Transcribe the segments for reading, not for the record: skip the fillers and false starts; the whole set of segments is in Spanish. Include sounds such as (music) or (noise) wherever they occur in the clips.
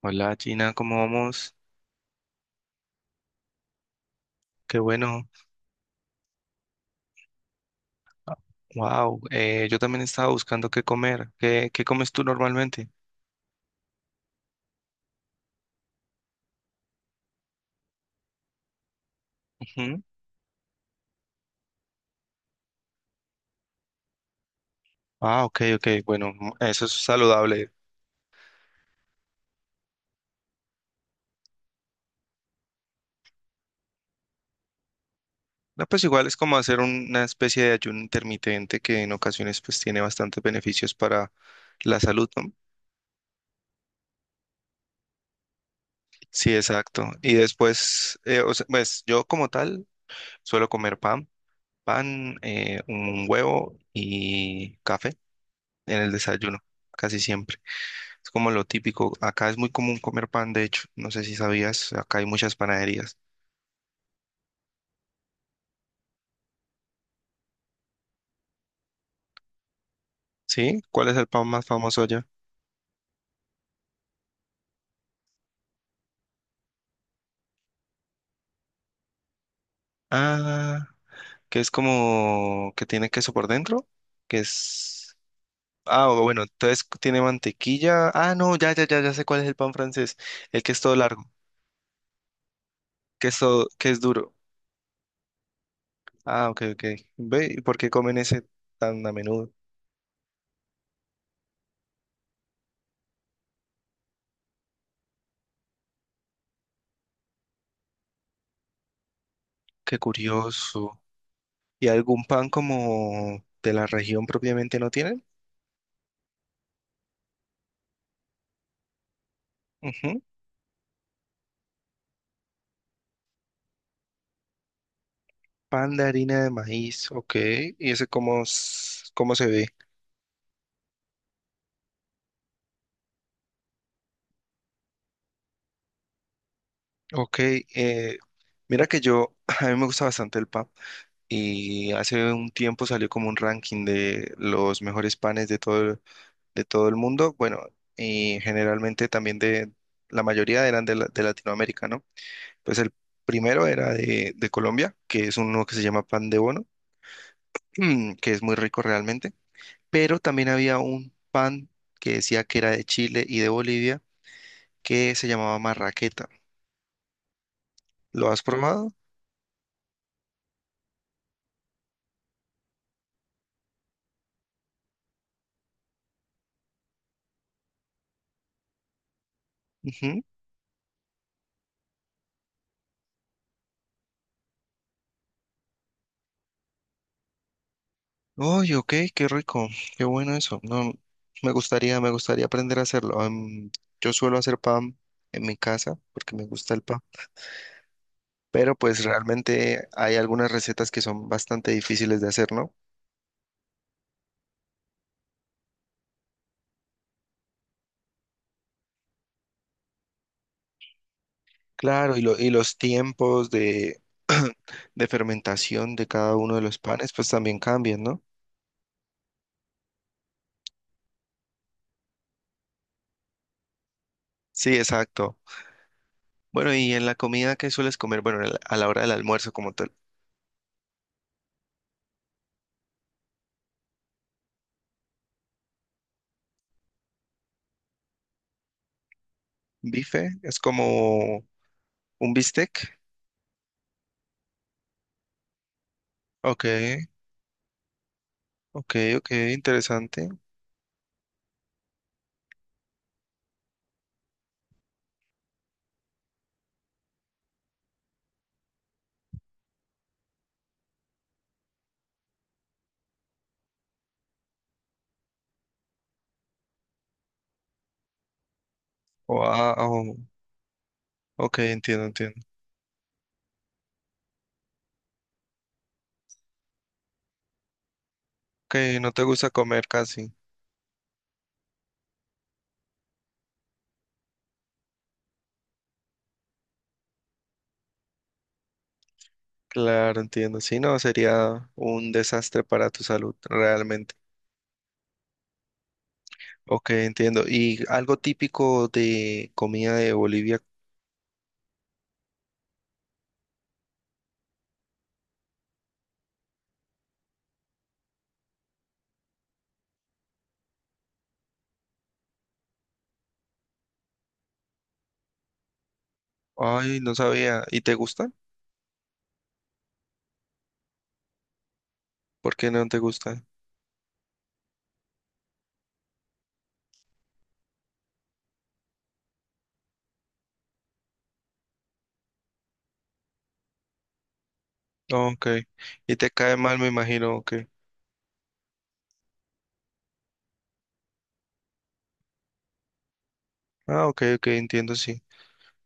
Hola Gina, ¿cómo vamos? Qué bueno. Wow, yo también estaba buscando qué comer. ¿Qué comes tú normalmente? Ujú. Ah, ok, ok. Bueno, eso es saludable. No, pues igual es como hacer una especie de ayuno intermitente que en ocasiones pues tiene bastantes beneficios para la salud, ¿no? Sí, exacto. Y después, o sea, pues yo como tal suelo comer pan, pan, un huevo y café en el desayuno, casi siempre. Es como lo típico. Acá es muy común comer pan, de hecho. No sé si sabías, acá hay muchas panaderías. ¿Sí? ¿Cuál es el pan más famoso allá? Ah, que es como que tiene queso por dentro, que es... Ah, o bueno, entonces tiene mantequilla. Ah, no, ya, ya, ya, ya sé cuál es el pan francés. El que es todo largo, que es todo, que es duro. Ah, ok, ok. Ve, ¿y por qué comen ese tan a menudo? Qué curioso. ¿Y algún pan como de la región propiamente no tienen? Ujú. Pan de harina de maíz, ok. ¿Y ese cómo se ve? Ok, eh, mira que yo, (laughs) a mí me gusta bastante el pan y hace un tiempo salió como un ranking de los mejores panes de todo, de todo el mundo, bueno, y generalmente también de, la mayoría eran de Latinoamérica, ¿no? Pues el primero era de Colombia, que es uno que se llama pan de bono, (clears throat) que es muy rico realmente, pero también había un pan que decía que era de Chile y de Bolivia que se llamaba marraqueta. ¿Lo has probado? Ujú. Oye, ok, qué rico, qué bueno eso. No, me gustaría aprender a hacerlo. Am, yo suelo hacer pan en mi casa porque me gusta el pan, pero pues realmente hay algunas recetas que son bastante difíciles de hacer, ¿no? Claro, y los tiempos de, (clears throat) de fermentación de cada uno de los panes pues también cambian, ¿no? Sí, exacto. Bueno, y en la comida que sueles comer, bueno, en a la hora del almuerzo como tal, bife es como ¿Un bistec? Ok, ok, ok, interesante. Wow, ok, entiendo, entiendo. Ok, no te gusta comer casi. Claro, entiendo. Si no, sería un desastre para tu salud, realmente. Ok, entiendo. ¿Y algo típico de comida de Bolivia? Ay, no sabía. ¿Y te gusta? ¿Por qué no te gusta? Ok. Y te cae mal, me imagino. Ok. Ah, ok, ok, entiendo, sí.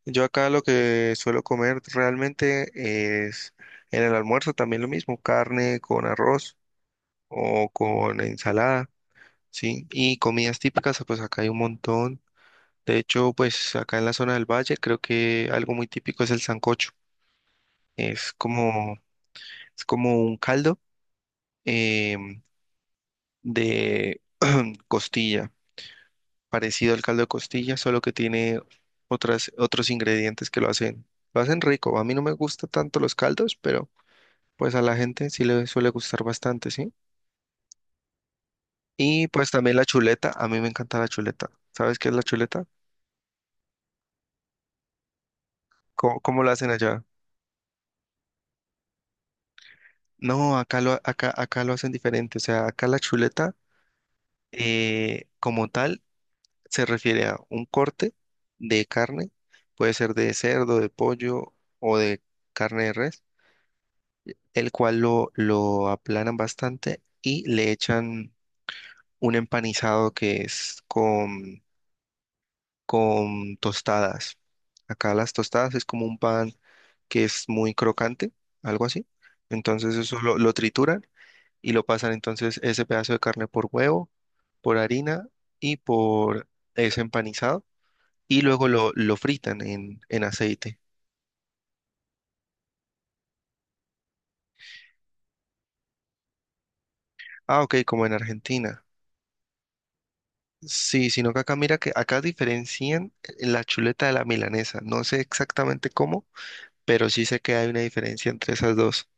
Yo acá lo que suelo comer realmente es en el almuerzo también lo mismo, carne con arroz o con ensalada, ¿sí? Y comidas típicas, pues acá hay un montón. De hecho, pues acá en la zona del valle creo que algo muy típico es el sancocho. Es como, es como un caldo em, de (clears throat) costilla, parecido al caldo de costilla, solo que tiene otros ingredientes que lo hacen rico. A mí no me gustan tanto los caldos, pero... Pues a la gente sí le suele gustar bastante, ¿sí? Y pues también la chuleta, a mí me encanta la chuleta. ¿Sabes qué es la chuleta? ¿Cómo la hacen allá? No, acá lo hacen diferente. O sea, acá la chuleta como tal se refiere a un corte de carne, puede ser de cerdo, de pollo o de carne de res, el cual lo aplanan bastante y le echan un empanizado que es con tostadas. Acá las tostadas es como un pan que es muy crocante, algo así. Entonces eso lo trituran y lo pasan entonces ese pedazo de carne por huevo, por harina y por ese empanizado. Y luego lo fritan en aceite. Ah, ok, como en Argentina. Sí, sino que acá mira que acá diferencian la chuleta de la milanesa. No sé exactamente cómo, pero sí sé que hay una diferencia entre esas dos.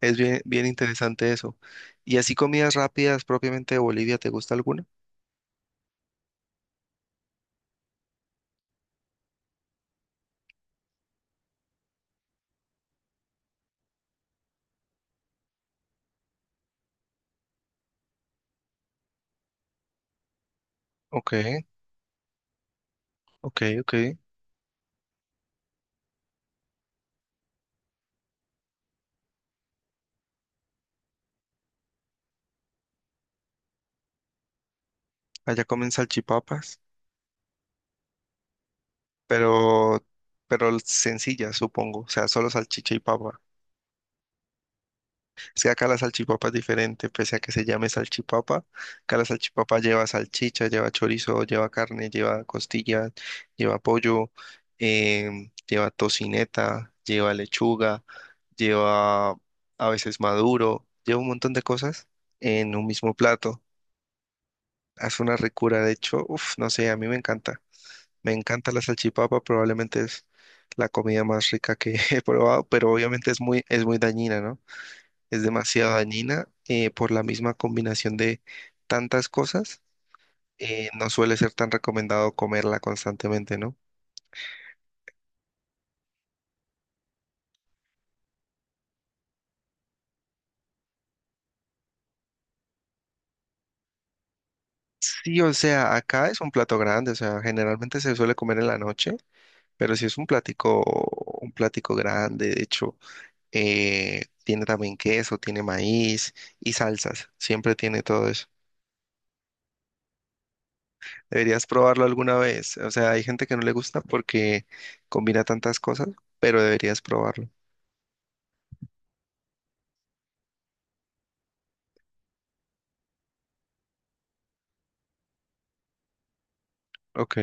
Es bien, bien interesante eso. ¿Y así comidas rápidas propiamente de Bolivia, te gusta alguna? Ok, ok, ok. Allá comen salchipapas, pero, pero sencillas, supongo. O sea, solo salchicha y papa. Es que acá la salchipapa es diferente, pese a que se llame salchipapa. Acá la salchipapa lleva salchicha, lleva chorizo, lleva carne, lleva costilla, lleva pollo, lleva tocineta, lleva lechuga, lleva a veces maduro, lleva un montón de cosas en un mismo plato. Es una ricura, de hecho, uf, no sé, a mí me encanta. Me encanta la salchipapa, probablemente es la comida más rica que (laughs) he probado, pero obviamente es muy dañina, ¿no? Es demasiado dañina por la misma combinación de tantas cosas. No suele ser tan recomendado comerla constantemente, ¿no? Sí, o sea, acá es un plato grande, o sea, generalmente se suele comer en la noche, pero si es un platico grande, de hecho, tiene también queso, tiene maíz y salsas, siempre tiene todo eso. Deberías probarlo alguna vez, o sea, hay gente que no le gusta porque combina tantas cosas, pero deberías probarlo. Ok.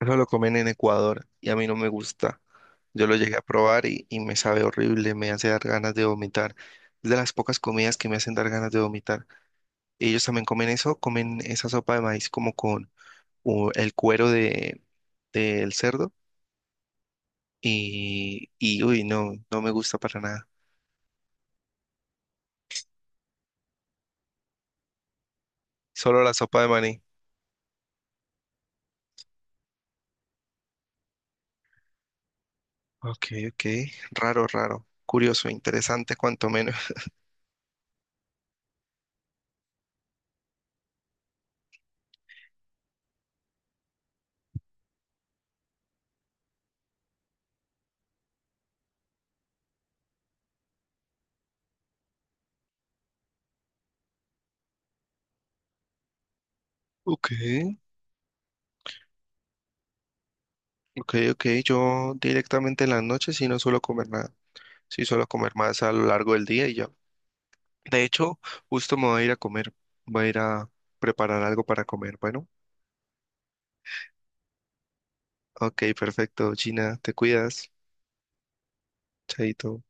Eso lo comen en Ecuador y a mí no me gusta. Yo lo llegué a probar y me sabe horrible, me hace dar ganas de vomitar. Es de las pocas comidas que me hacen dar ganas de vomitar. Ellos también comen eso, comen esa sopa de maíz como con el cuero de, del cerdo y uy, no, no me gusta para nada. Solo la sopa de maní. Ok, ok, raro, raro. Curioso, interesante, cuanto menos. (laughs) Ok, ok, ok. Yo directamente en las noches sí no suelo comer nada. Sí, solo comer más a lo largo del día y ya. De hecho, justo me voy a ir a comer. Voy a ir a preparar algo para comer. Bueno, ok, perfecto. Gina, te cuidas. Chaito.